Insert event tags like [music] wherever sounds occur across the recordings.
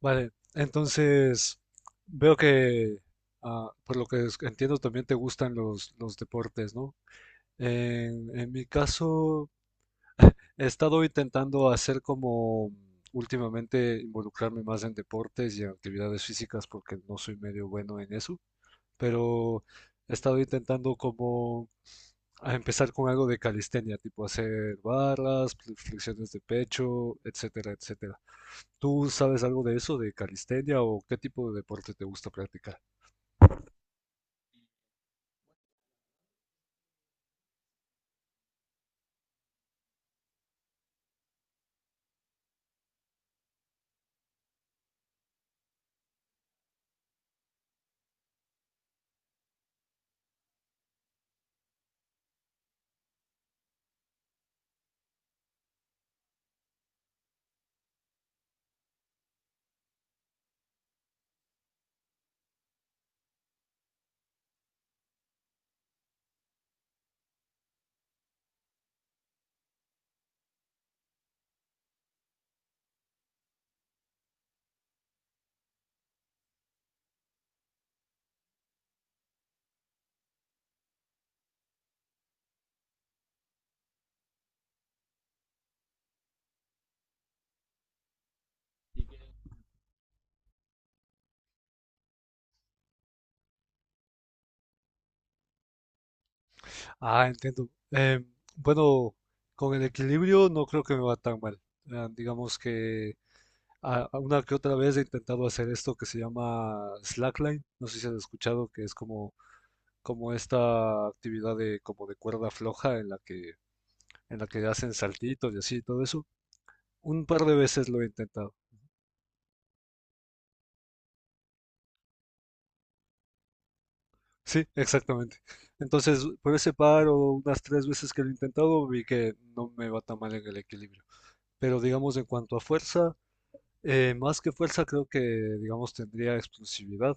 Vale, entonces veo que, ah, por lo que entiendo, también te gustan los deportes, ¿no? En mi caso, he estado intentando hacer como últimamente involucrarme más en deportes y en actividades físicas porque no soy medio bueno en eso, pero he estado intentando como a empezar con algo de calistenia, tipo hacer barras, flexiones de pecho, etcétera, etcétera. ¿Tú sabes algo de eso, de calistenia o qué tipo de deporte te gusta practicar? Ah, entiendo. Bueno, con el equilibrio no creo que me va tan mal. Ah, digamos que a una que otra vez he intentado hacer esto que se llama slackline. No sé si has escuchado que es como, como esta actividad de, como de cuerda floja en la que hacen saltitos y así, todo eso. Un par de veces lo he intentado. Sí, exactamente. Entonces, por ese par o unas tres veces que lo he intentado, vi que no me va tan mal en el equilibrio. Pero digamos, en cuanto a fuerza, más que fuerza, creo que, digamos, tendría explosividad.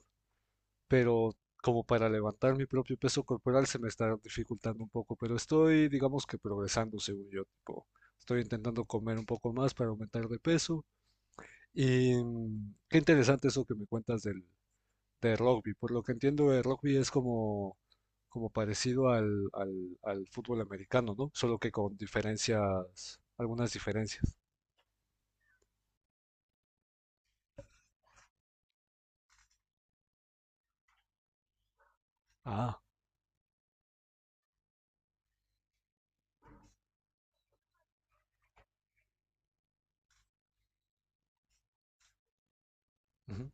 Pero como para levantar mi propio peso corporal se me está dificultando un poco. Pero estoy, digamos que progresando, según yo. Tipo, estoy intentando comer un poco más para aumentar de peso. Y qué interesante eso que me cuentas del, de rugby. Por lo que entiendo, el rugby es como, como parecido al fútbol americano, ¿no? Solo que con diferencias, algunas diferencias. Ah, ujú,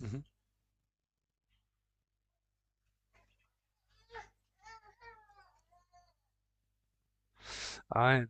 ujú. Ah,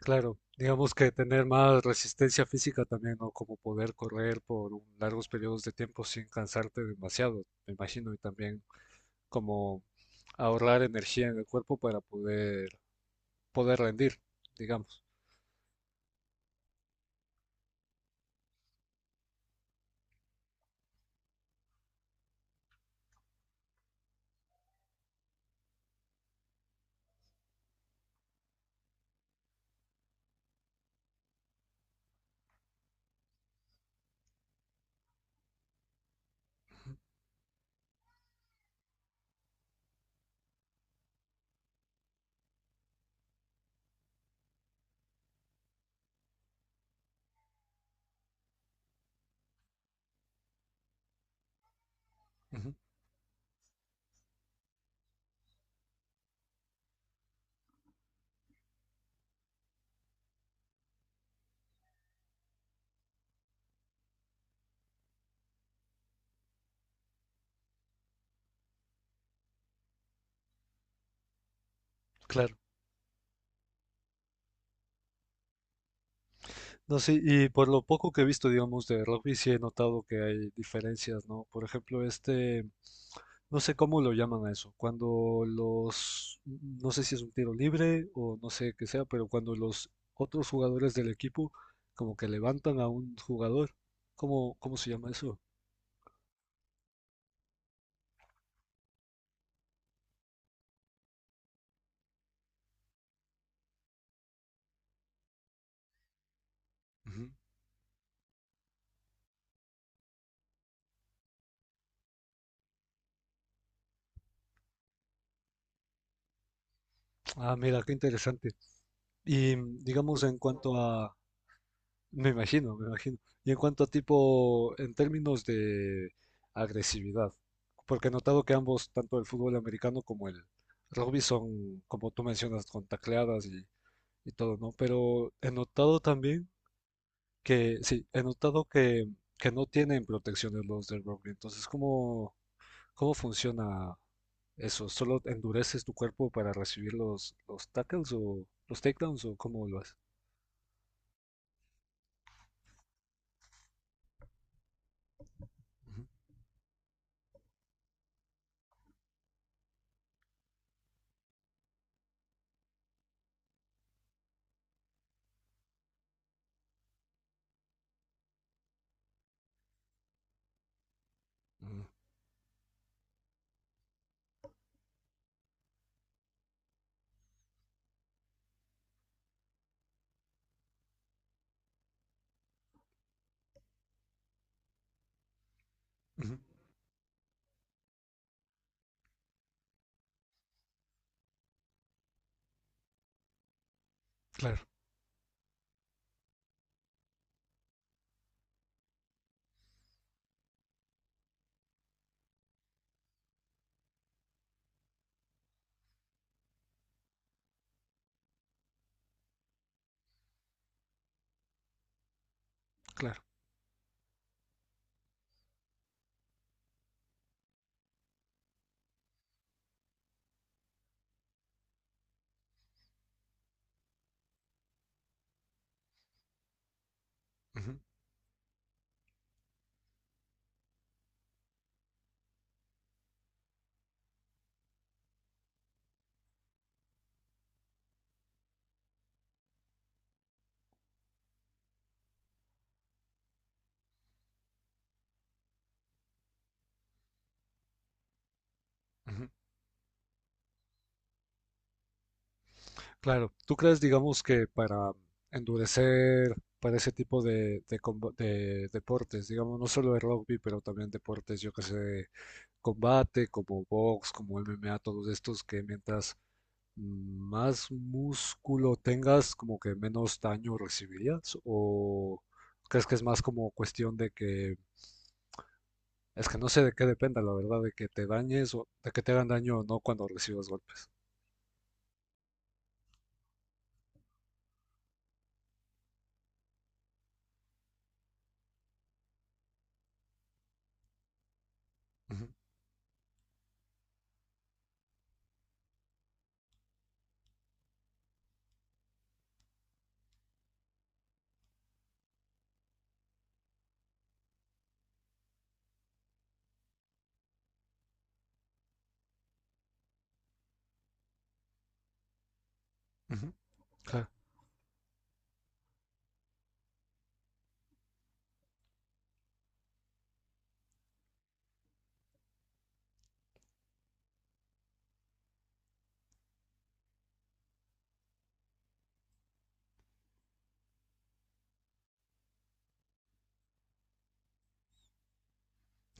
claro. Digamos que tener más resistencia física también, ¿no? Como poder correr por largos periodos de tiempo sin cansarte demasiado, me imagino, y también como ahorrar energía en el cuerpo para poder, poder rendir, digamos. Ujú, claro. No, sí, y por lo poco que he visto, digamos, de rugby, sí he notado que hay diferencias, ¿no? Por ejemplo, este, no sé cómo lo llaman a eso, cuando los, no sé si es un tiro libre o no sé qué sea, pero cuando los otros jugadores del equipo como que levantan a un jugador, ¿cómo, cómo se llama eso? Ujú. Ah, mira, qué interesante. Y digamos, en cuanto a, me imagino, me imagino. Y en cuanto a tipo, en términos de agresividad, porque he notado que ambos, tanto el fútbol americano como el rugby, son, como tú mencionas, con tacleadas y todo, ¿no? Pero he notado también que, sí, he notado que no tienen protecciones los del rugby. Entonces, ¿cómo, cómo funciona eso? ¿Solo endureces tu cuerpo para recibir los tackles o los takedowns o cómo lo haces? Ujú, ujú, ujú. Claro, claro. Ujú, ujú. Claro, ¿tú crees, digamos, que para endurecer para ese tipo de, de deportes, digamos, no solo de rugby, pero también deportes, yo que sé, de combate, como box, como MMA, todos estos que mientras más músculo tengas, como que menos daño recibirías? ¿O crees que es más como cuestión de que, es que no sé de qué dependa, la verdad, de que te dañes o de que te hagan daño o no cuando recibas golpes? Ujú, ujú, claro,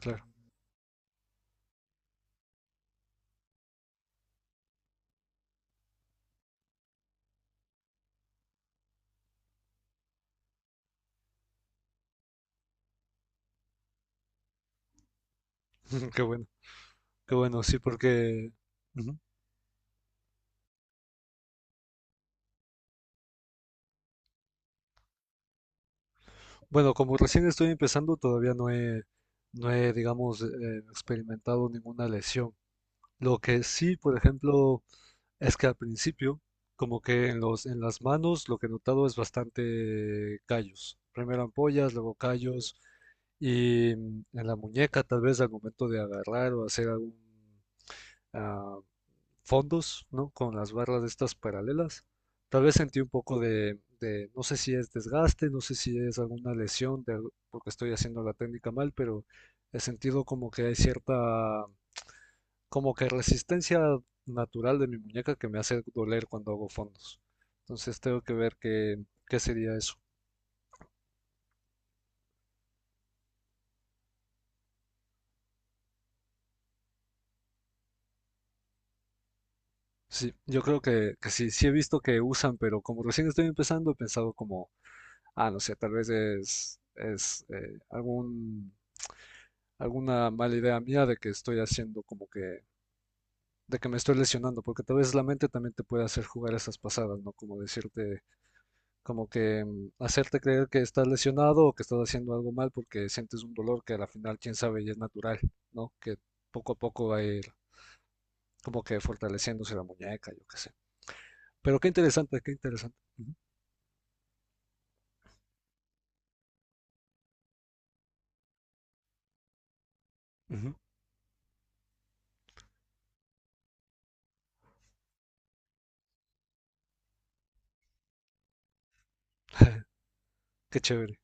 claro. Qué bueno, qué bueno, sí, porque, ujú. Bueno, como recién estoy empezando, todavía no no he, digamos, experimentado ninguna lesión. Lo que sí, por ejemplo, es que al principio, como que en en las manos, lo que he notado es bastante callos. Primero ampollas, luego callos, y en la muñeca, tal vez al momento de agarrar o hacer algún ah, fondos, ¿no? Con las barras de estas paralelas. Tal vez sentí un poco de, no sé si es desgaste, no sé si es alguna lesión porque estoy haciendo la técnica mal, pero he sentido como que hay cierta, como que resistencia natural de mi muñeca que me hace doler cuando hago fondos. Entonces tengo que ver qué, qué sería eso. Sí, yo creo que sí, sí he visto que usan, pero como recién estoy empezando, he pensado como, ah, no sé, tal vez es algún alguna mala idea mía de que estoy haciendo como que, de que me estoy lesionando, porque tal vez la mente también te puede hacer jugar esas pasadas, ¿no? Como decirte, como que hacerte creer que estás lesionado o que estás haciendo algo mal porque sientes un dolor que a la final, quién sabe, y es natural, ¿no? Que poco a poco va a ir como que fortaleciéndose la muñeca, yo qué sé. Pero qué interesante, qué interesante. Ujú. Ujú. [laughs] Qué chévere.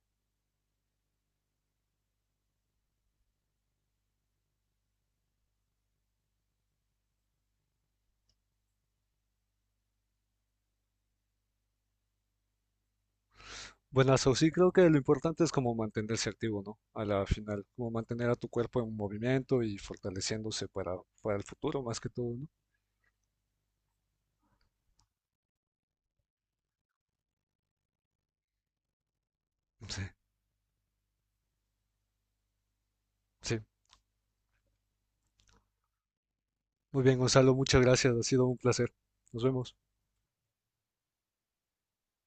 Buenazo, sí creo que lo importante es como mantenerse activo, ¿no? A la final, como mantener a tu cuerpo en movimiento y fortaleciéndose para el futuro más que todo, ¿no? [laughs] Sí, sí. Muy bien, Gonzalo, muchas gracias, ha sido un placer. Nos vemos.